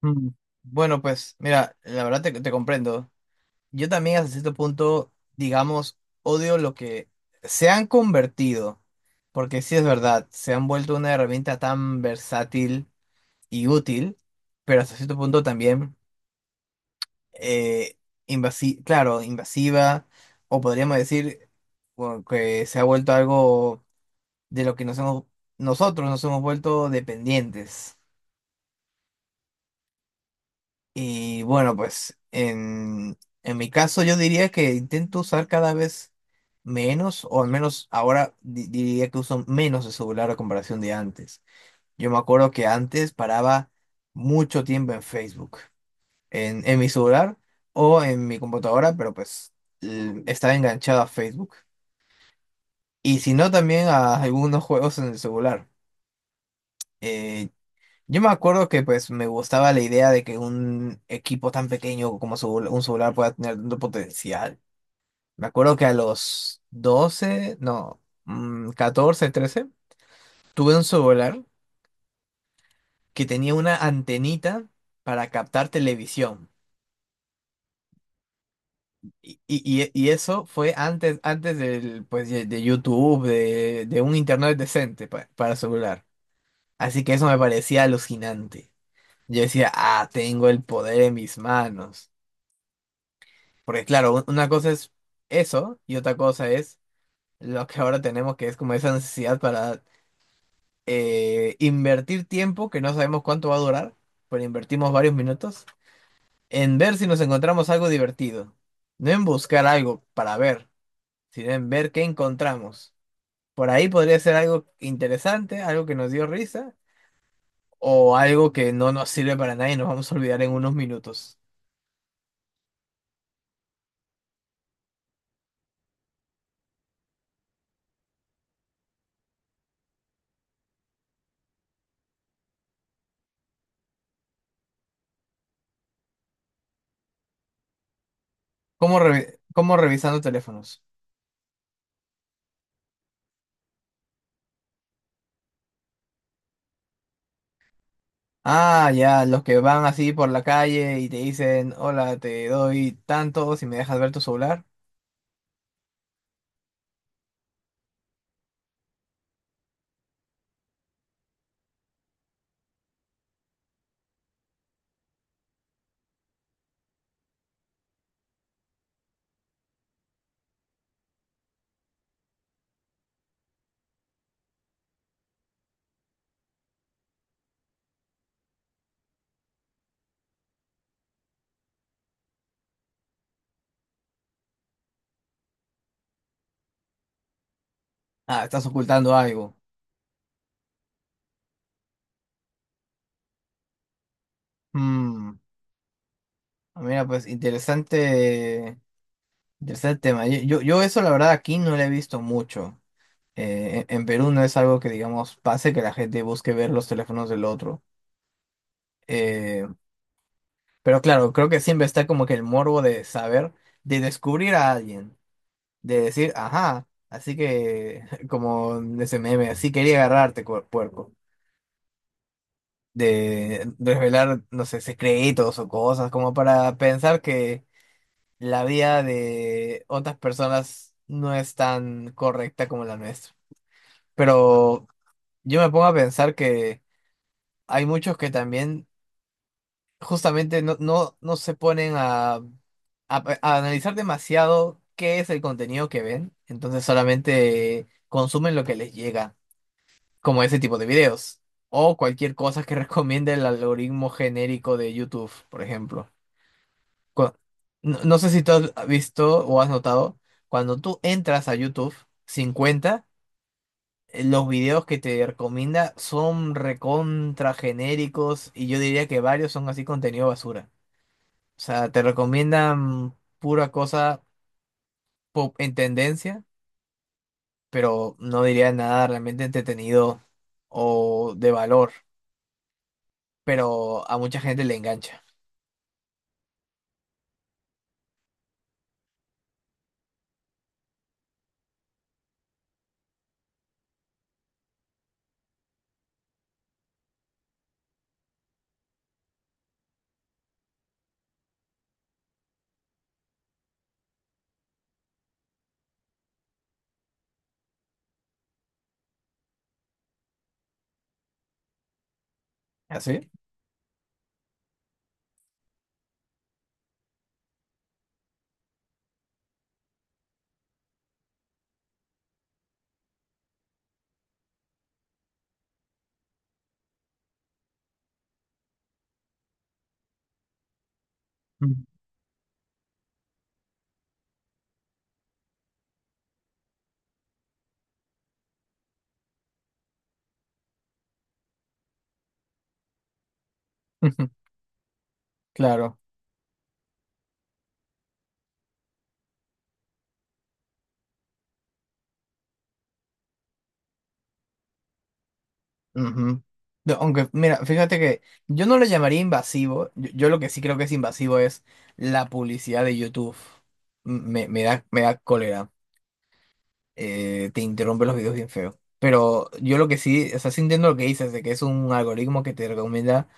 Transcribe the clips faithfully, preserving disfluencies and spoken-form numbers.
Mm, Bueno, pues mira, la verdad te, te comprendo. Yo también hasta cierto punto, digamos, odio lo que se han convertido, porque sí es verdad, se han vuelto una herramienta tan versátil y útil, pero hasta cierto punto también eh, invasi- claro, invasiva, o podríamos decir, bueno, que se ha vuelto algo de lo que nos hemos, nosotros nos hemos vuelto dependientes. Y bueno, pues en, en mi caso yo diría que intento usar cada vez menos, o al menos ahora di- diría que uso menos el celular a comparación de antes. Yo me acuerdo que antes paraba mucho tiempo en Facebook, en, en mi celular o en mi computadora, pero pues l- estaba enganchado a Facebook. Y si no, también a algunos juegos en el celular. Eh, Yo me acuerdo que pues me gustaba la idea de que un equipo tan pequeño como su- un celular pueda tener tanto potencial. Me acuerdo que a los doce, no, mm, catorce, trece, tuve un celular que tenía una antenita para captar televisión. Y, y- y- y eso fue antes, antes del, pues, de, de YouTube, de, de un internet decente pa- para celular. Así que eso me parecía alucinante. Yo decía, ah, tengo el poder en mis manos. Porque claro, una cosa es eso y otra cosa es lo que ahora tenemos, que es como esa necesidad para eh, invertir tiempo que no sabemos cuánto va a durar, pero invertimos varios minutos en ver si nos encontramos algo divertido. No en buscar algo para ver, sino en ver qué encontramos. Por ahí podría ser algo interesante, algo que nos dio risa o algo que no nos sirve para nada y nos vamos a olvidar en unos minutos. ¿Cómo, revi- cómo revisando teléfonos? Ah, ya, los que van así por la calle y te dicen, hola, te doy tanto si me dejas ver tu celular. Ah, estás ocultando algo. Mm, mira, pues interesante, interesante tema. Yo, yo, yo eso la verdad aquí no lo he visto mucho. Eh, en en Perú no es algo que, digamos, pase que la gente busque ver los teléfonos del otro. Eh, pero claro, creo que siempre está como que el morbo de saber, de descubrir a alguien. De decir, ajá, así que, como de ese meme, así quería agarrarte, cuer- puerco. De revelar, no sé, secretos o cosas, como para pensar que la vida de otras personas no es tan correcta como la nuestra. Pero yo me pongo a pensar que hay muchos que también justamente no, no, no se ponen a a, a analizar demasiado qué es el contenido que ven, entonces solamente consumen lo que les llega, como ese tipo de videos. O cualquier cosa que recomiende el algoritmo genérico de YouTube, por ejemplo. Cu- No, no sé si tú has visto o has notado, cuando tú entras a YouTube cincuenta, eh, los videos que te recomienda son recontra genéricos y yo diría que varios son así contenido basura. O sea, te recomiendan pura cosa pop en tendencia, pero no diría nada realmente entretenido o de valor, pero a mucha gente le engancha. ¿Así? Claro. Ujú. No, aunque, mira, fíjate que yo no lo llamaría invasivo. Yo, yo lo que sí creo que es invasivo es la publicidad de YouTube. M- Me, me da, me da cólera. Eh, te interrumpe los videos bien feo. Pero yo lo que sí, o sea, sí entiendo lo que dices, de que es un algoritmo que te recomienda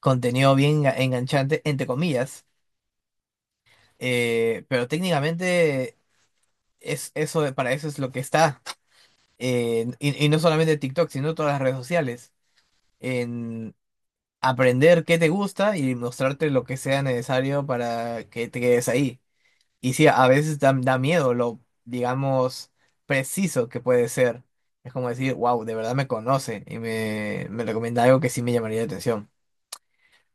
contenido bien enga- enganchante, entre comillas. Eh, pero técnicamente es eso, de- para eso es lo que está. Eh, y, y no solamente TikTok, sino todas las redes sociales. Aprender qué te gusta y mostrarte lo que sea necesario para que te quedes ahí. Y sí, a veces da, da miedo lo, digamos, preciso que puede ser. Es como decir, wow, de verdad me conoce y me, me recomienda algo que sí me llamaría la atención.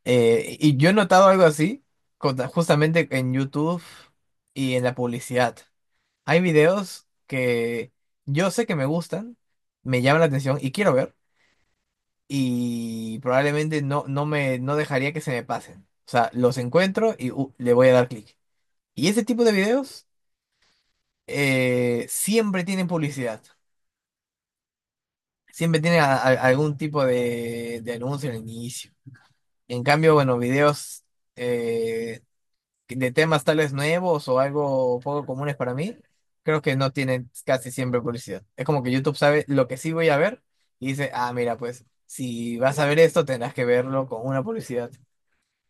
Eh, y yo he notado algo así con- justamente en YouTube y en la publicidad. Hay videos que yo sé que me gustan, me llaman la atención y quiero ver, y probablemente no, no me no dejaría que se me pasen. O sea, los encuentro y uh, le voy a dar clic. Y ese tipo de videos eh, siempre tienen publicidad. Siempre tienen a- a- algún tipo de, de anuncio en el inicio. En cambio, bueno, videos eh, de temas tal vez nuevos o algo poco comunes para mí, creo que no tienen casi siempre publicidad. Es como que YouTube sabe lo que sí voy a ver y dice, ah, mira, pues si vas a ver esto, tendrás que verlo con una publicidad.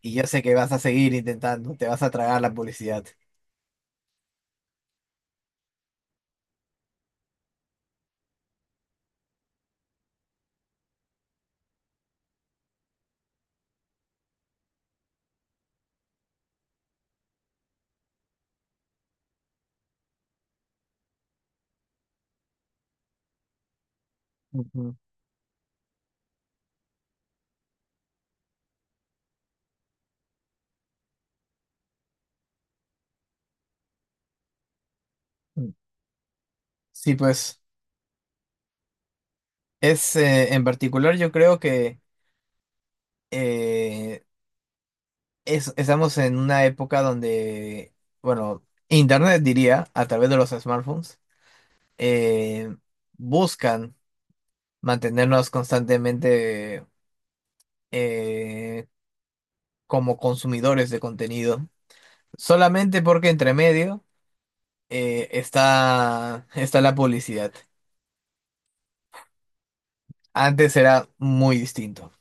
Y yo sé que vas a seguir intentando, te vas a tragar la publicidad. Ujú. Mm. Sí, pues es eh, en particular yo creo que eh, es- estamos en una época donde, bueno, Internet diría, a través de los smartphones, eh, buscan mantenernos constantemente, eh, como consumidores de contenido, solamente porque entre medio eh, está, está la publicidad. Antes era muy distinto.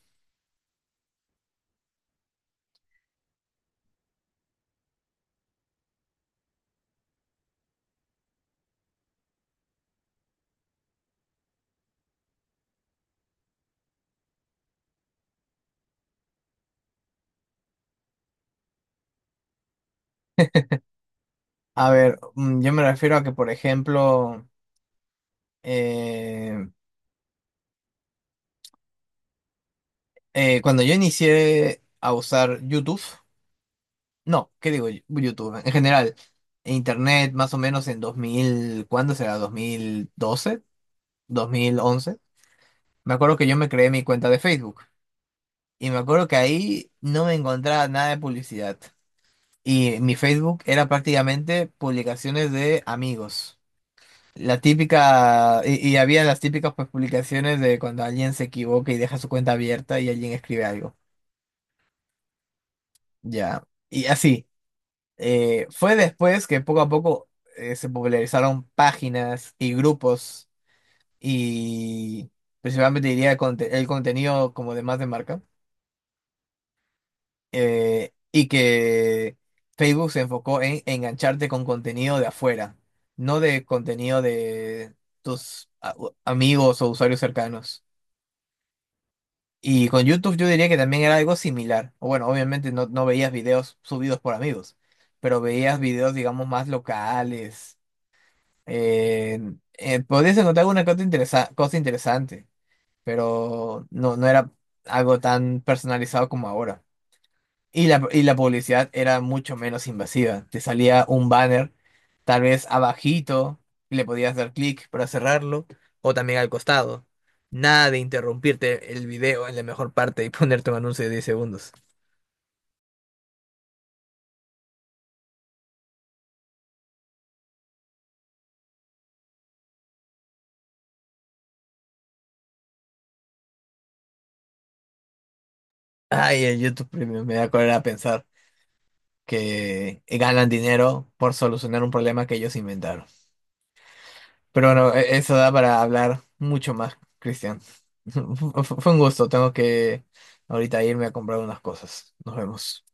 A ver, mm, yo me refiero a que, por ejemplo, eh, eh, cuando yo inicié a usar YouTube, no, ¿qué digo? ¿yo? YouTube, en general, Internet más o menos en dos mil, ¿cuándo será? dos dos mil doce, ¿dos mil once? Me acuerdo que yo me creé mi cuenta de Facebook y me acuerdo que ahí no me encontraba nada de publicidad. Y mi Facebook era prácticamente publicaciones de amigos. La típica, y, y había las típicas pues, publicaciones de cuando alguien se equivoca y deja su cuenta abierta y alguien escribe algo. Ya. Y así. Eh, fue después que poco a poco eh, se popularizaron páginas y grupos, y principalmente diría conte- el contenido como de más de marca. eh, y que Facebook se enfocó en engancharte con contenido de afuera, no de contenido de tus a- u- amigos o usuarios cercanos. Y con YouTube yo diría que también era algo similar. O bueno, obviamente no, no veías videos subidos por amigos, pero veías videos, digamos, más locales. Eh, eh, podías encontrar alguna cosa, interesa- cosa interesante, pero no, no era algo tan personalizado como ahora. Y la, y la publicidad era mucho menos invasiva. Te salía un banner, tal vez abajito, y le podías dar clic para cerrarlo, o también al costado. Nada de interrumpirte el video en la mejor parte y ponerte un anuncio de diez segundos. Ay, el YouTube Premium me da cólera pensar que ganan dinero por solucionar un problema que ellos inventaron. Pero bueno, e- eso da para hablar mucho más, Cristian. Fue un gusto, tengo que ahorita irme a comprar unas cosas. Nos vemos.